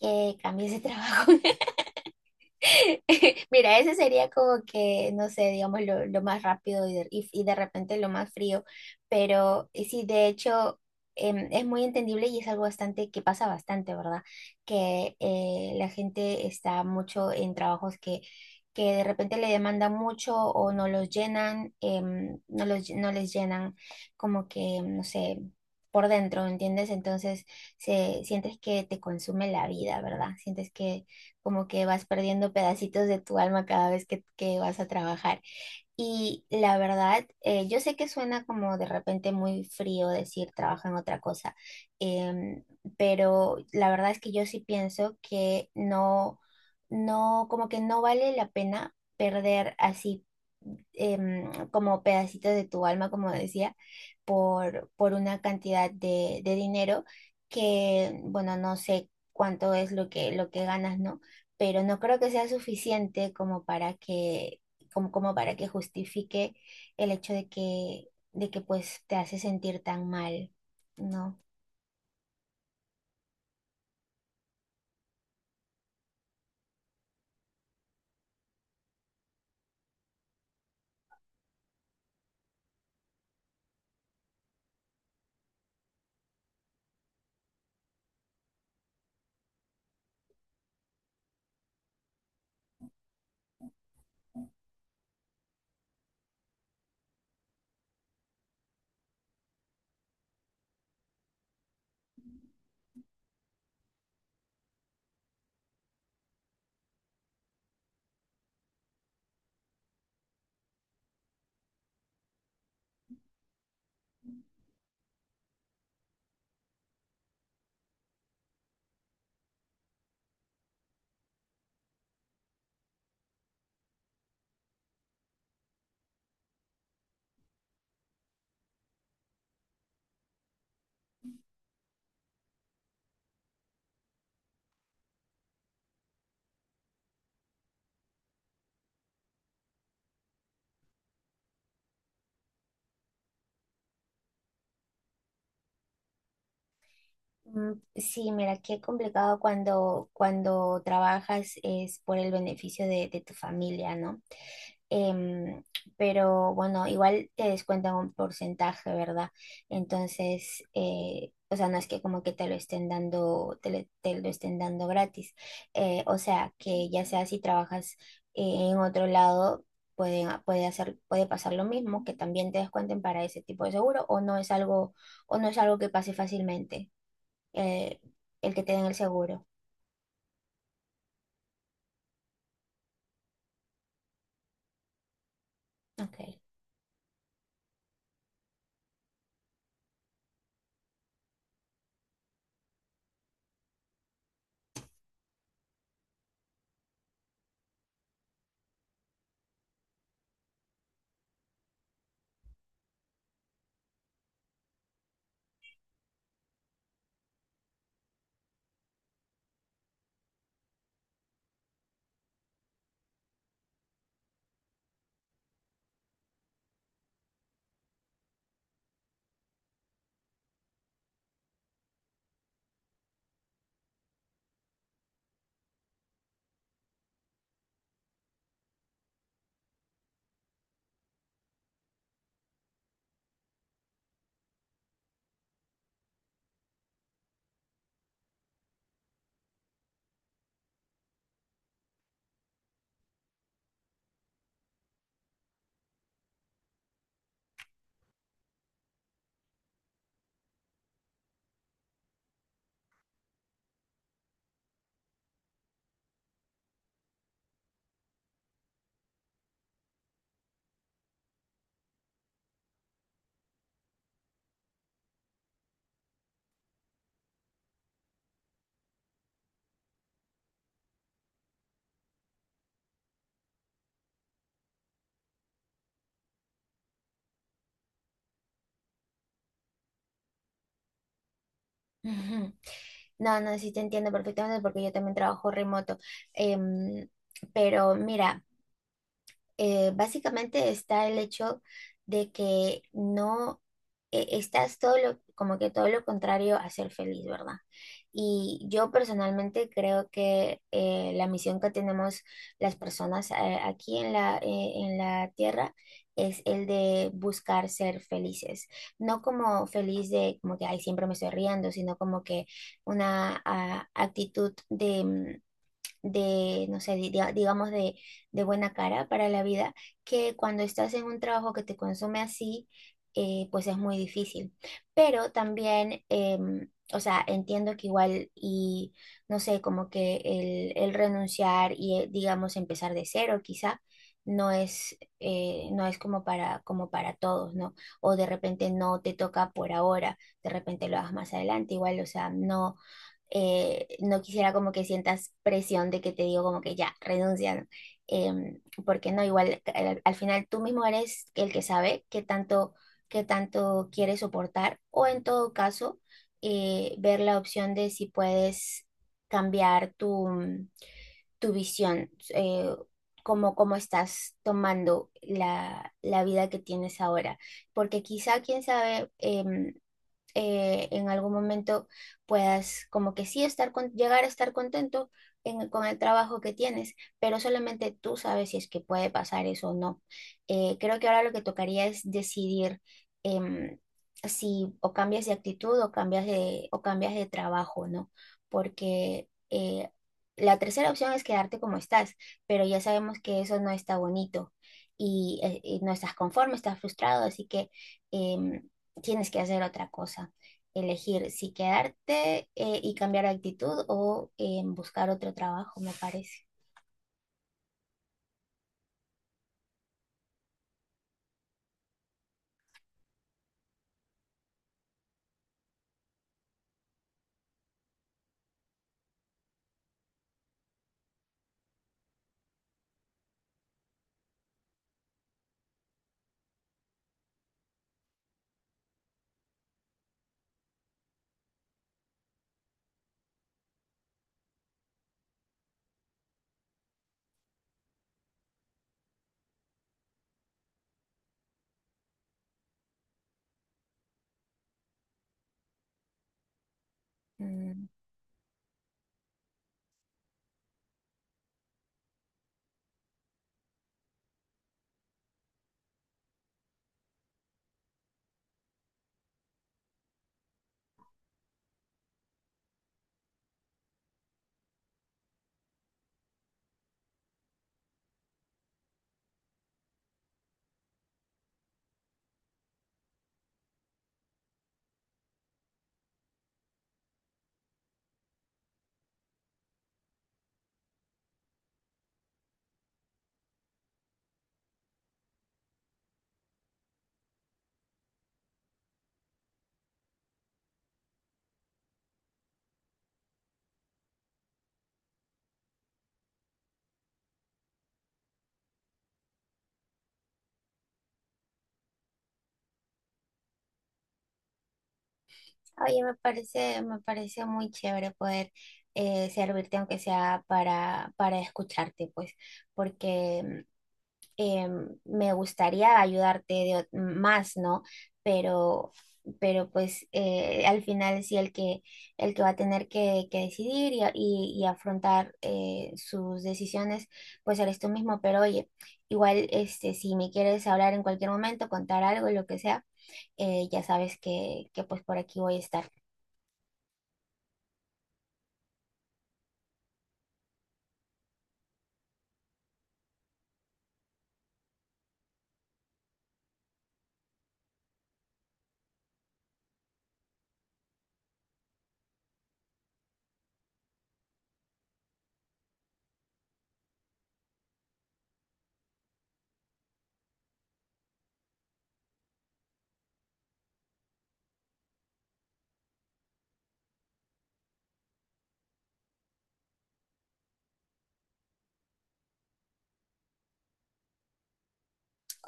Que cambies de trabajo. Mira, ese sería como que, no sé, digamos, lo más rápido y y de repente lo más frío, pero sí, de hecho, es muy entendible y es algo bastante que pasa bastante, ¿verdad? Que la gente está mucho en trabajos que de repente le demandan mucho o no los llenan, no les llenan como que, no sé, por dentro, ¿entiendes? Entonces, sientes que te consume la vida, ¿verdad? Sientes que como que vas perdiendo pedacitos de tu alma cada vez que vas a trabajar. Y la verdad, yo sé que suena como de repente muy frío decir trabaja en otra cosa, em, pero la verdad es que yo sí pienso que no, como que no vale la pena perder así como pedacitos de tu alma, como decía, por una cantidad de dinero que, bueno, no sé cuánto es lo que ganas, ¿no? Pero no creo que sea suficiente como para que como, como para que justifique el hecho de que pues te hace sentir tan mal, ¿no? Mm, sí, mira, qué complicado cuando, cuando trabajas es por el beneficio de tu familia, ¿no? Em, pero bueno, igual te descuentan un porcentaje, ¿verdad? Entonces, o sea, no es que como que te lo estén dando, te, le- te lo estén dando gratis. O sea, que ya sea si trabajas en otro lado, puede hacer, puede pasar lo mismo, que también te descuenten para ese tipo de seguro, o no es algo, o no es algo que pase fácilmente, eh, el que te den el seguro. Ok. No, no, sí te entiendo perfectamente porque yo también trabajo remoto. Em, pero mira, básicamente está el hecho de que no estás todo lo, como que todo lo contrario a ser feliz, ¿verdad? Y yo personalmente creo que la misión que tenemos las personas aquí en la Tierra es el de buscar ser felices, no como feliz de como que ay, siempre me estoy riendo, sino como que una actitud de, de, no sé, digamos de buena cara para la vida, que cuando estás en un trabajo que te consume así, pues es muy difícil. Pero también, o sea, entiendo que igual y, no sé, como que el renunciar y, digamos, empezar de cero quizá. No es, no es como para, como para todos, ¿no? O de repente no te toca por ahora, de repente lo hagas más adelante, igual, o sea, no, no quisiera como que sientas presión de que te digo como que ya, renuncia, ¿no? Porque no, igual al, al final tú mismo eres el que sabe qué tanto quieres soportar o en todo caso ver la opción de si puedes cambiar tu, tu visión, cómo, cómo estás tomando la, la vida que tienes ahora, porque quizá, quién sabe, en algún momento puedas como que sí estar con, llegar a estar contento en- con el trabajo que tienes, pero solamente tú sabes si es que puede pasar eso o no. Creo que ahora lo que tocaría es decidir em, si o cambias de actitud o cambias de trabajo, ¿no? Porque la tercera opción es quedarte como estás, pero ya sabemos que eso no está bonito. Y no estás conforme, estás frustrado, así que em, tienes que hacer otra cosa, elegir si quedarte y cambiar de actitud o buscar otro trabajo, me parece. Mm. Oye, me parece muy chévere poder servirte, aunque sea para escucharte, pues, porque eh, me gustaría ayudarte de ot- más, ¿no? Pero, pero pues al final sí el que va a tener que decidir y, afrontar sus decisiones, pues eres tú mismo. Pero oye, igual este, si me quieres hablar en cualquier momento, contar algo, lo que sea, ya sabes que pues por aquí voy a estar.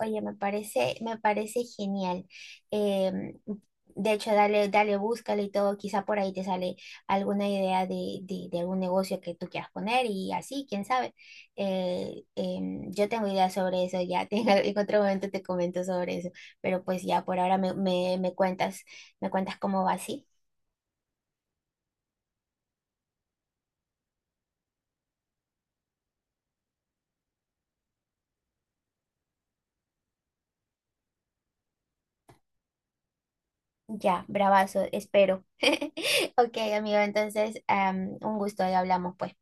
Oye, me parece genial. Em, de hecho, dale, dale, búscale y todo. Quizá por ahí te sale alguna idea de algún negocio que tú quieras poner y así, quién sabe. Yo tengo ideas sobre eso, ya te- en otro momento te comento sobre eso, pero pues ya por ahora me, me, me cuentas cómo va así. Ya, bravazo, espero. Ok, amigo, entonces, un gusto y hablamos pues.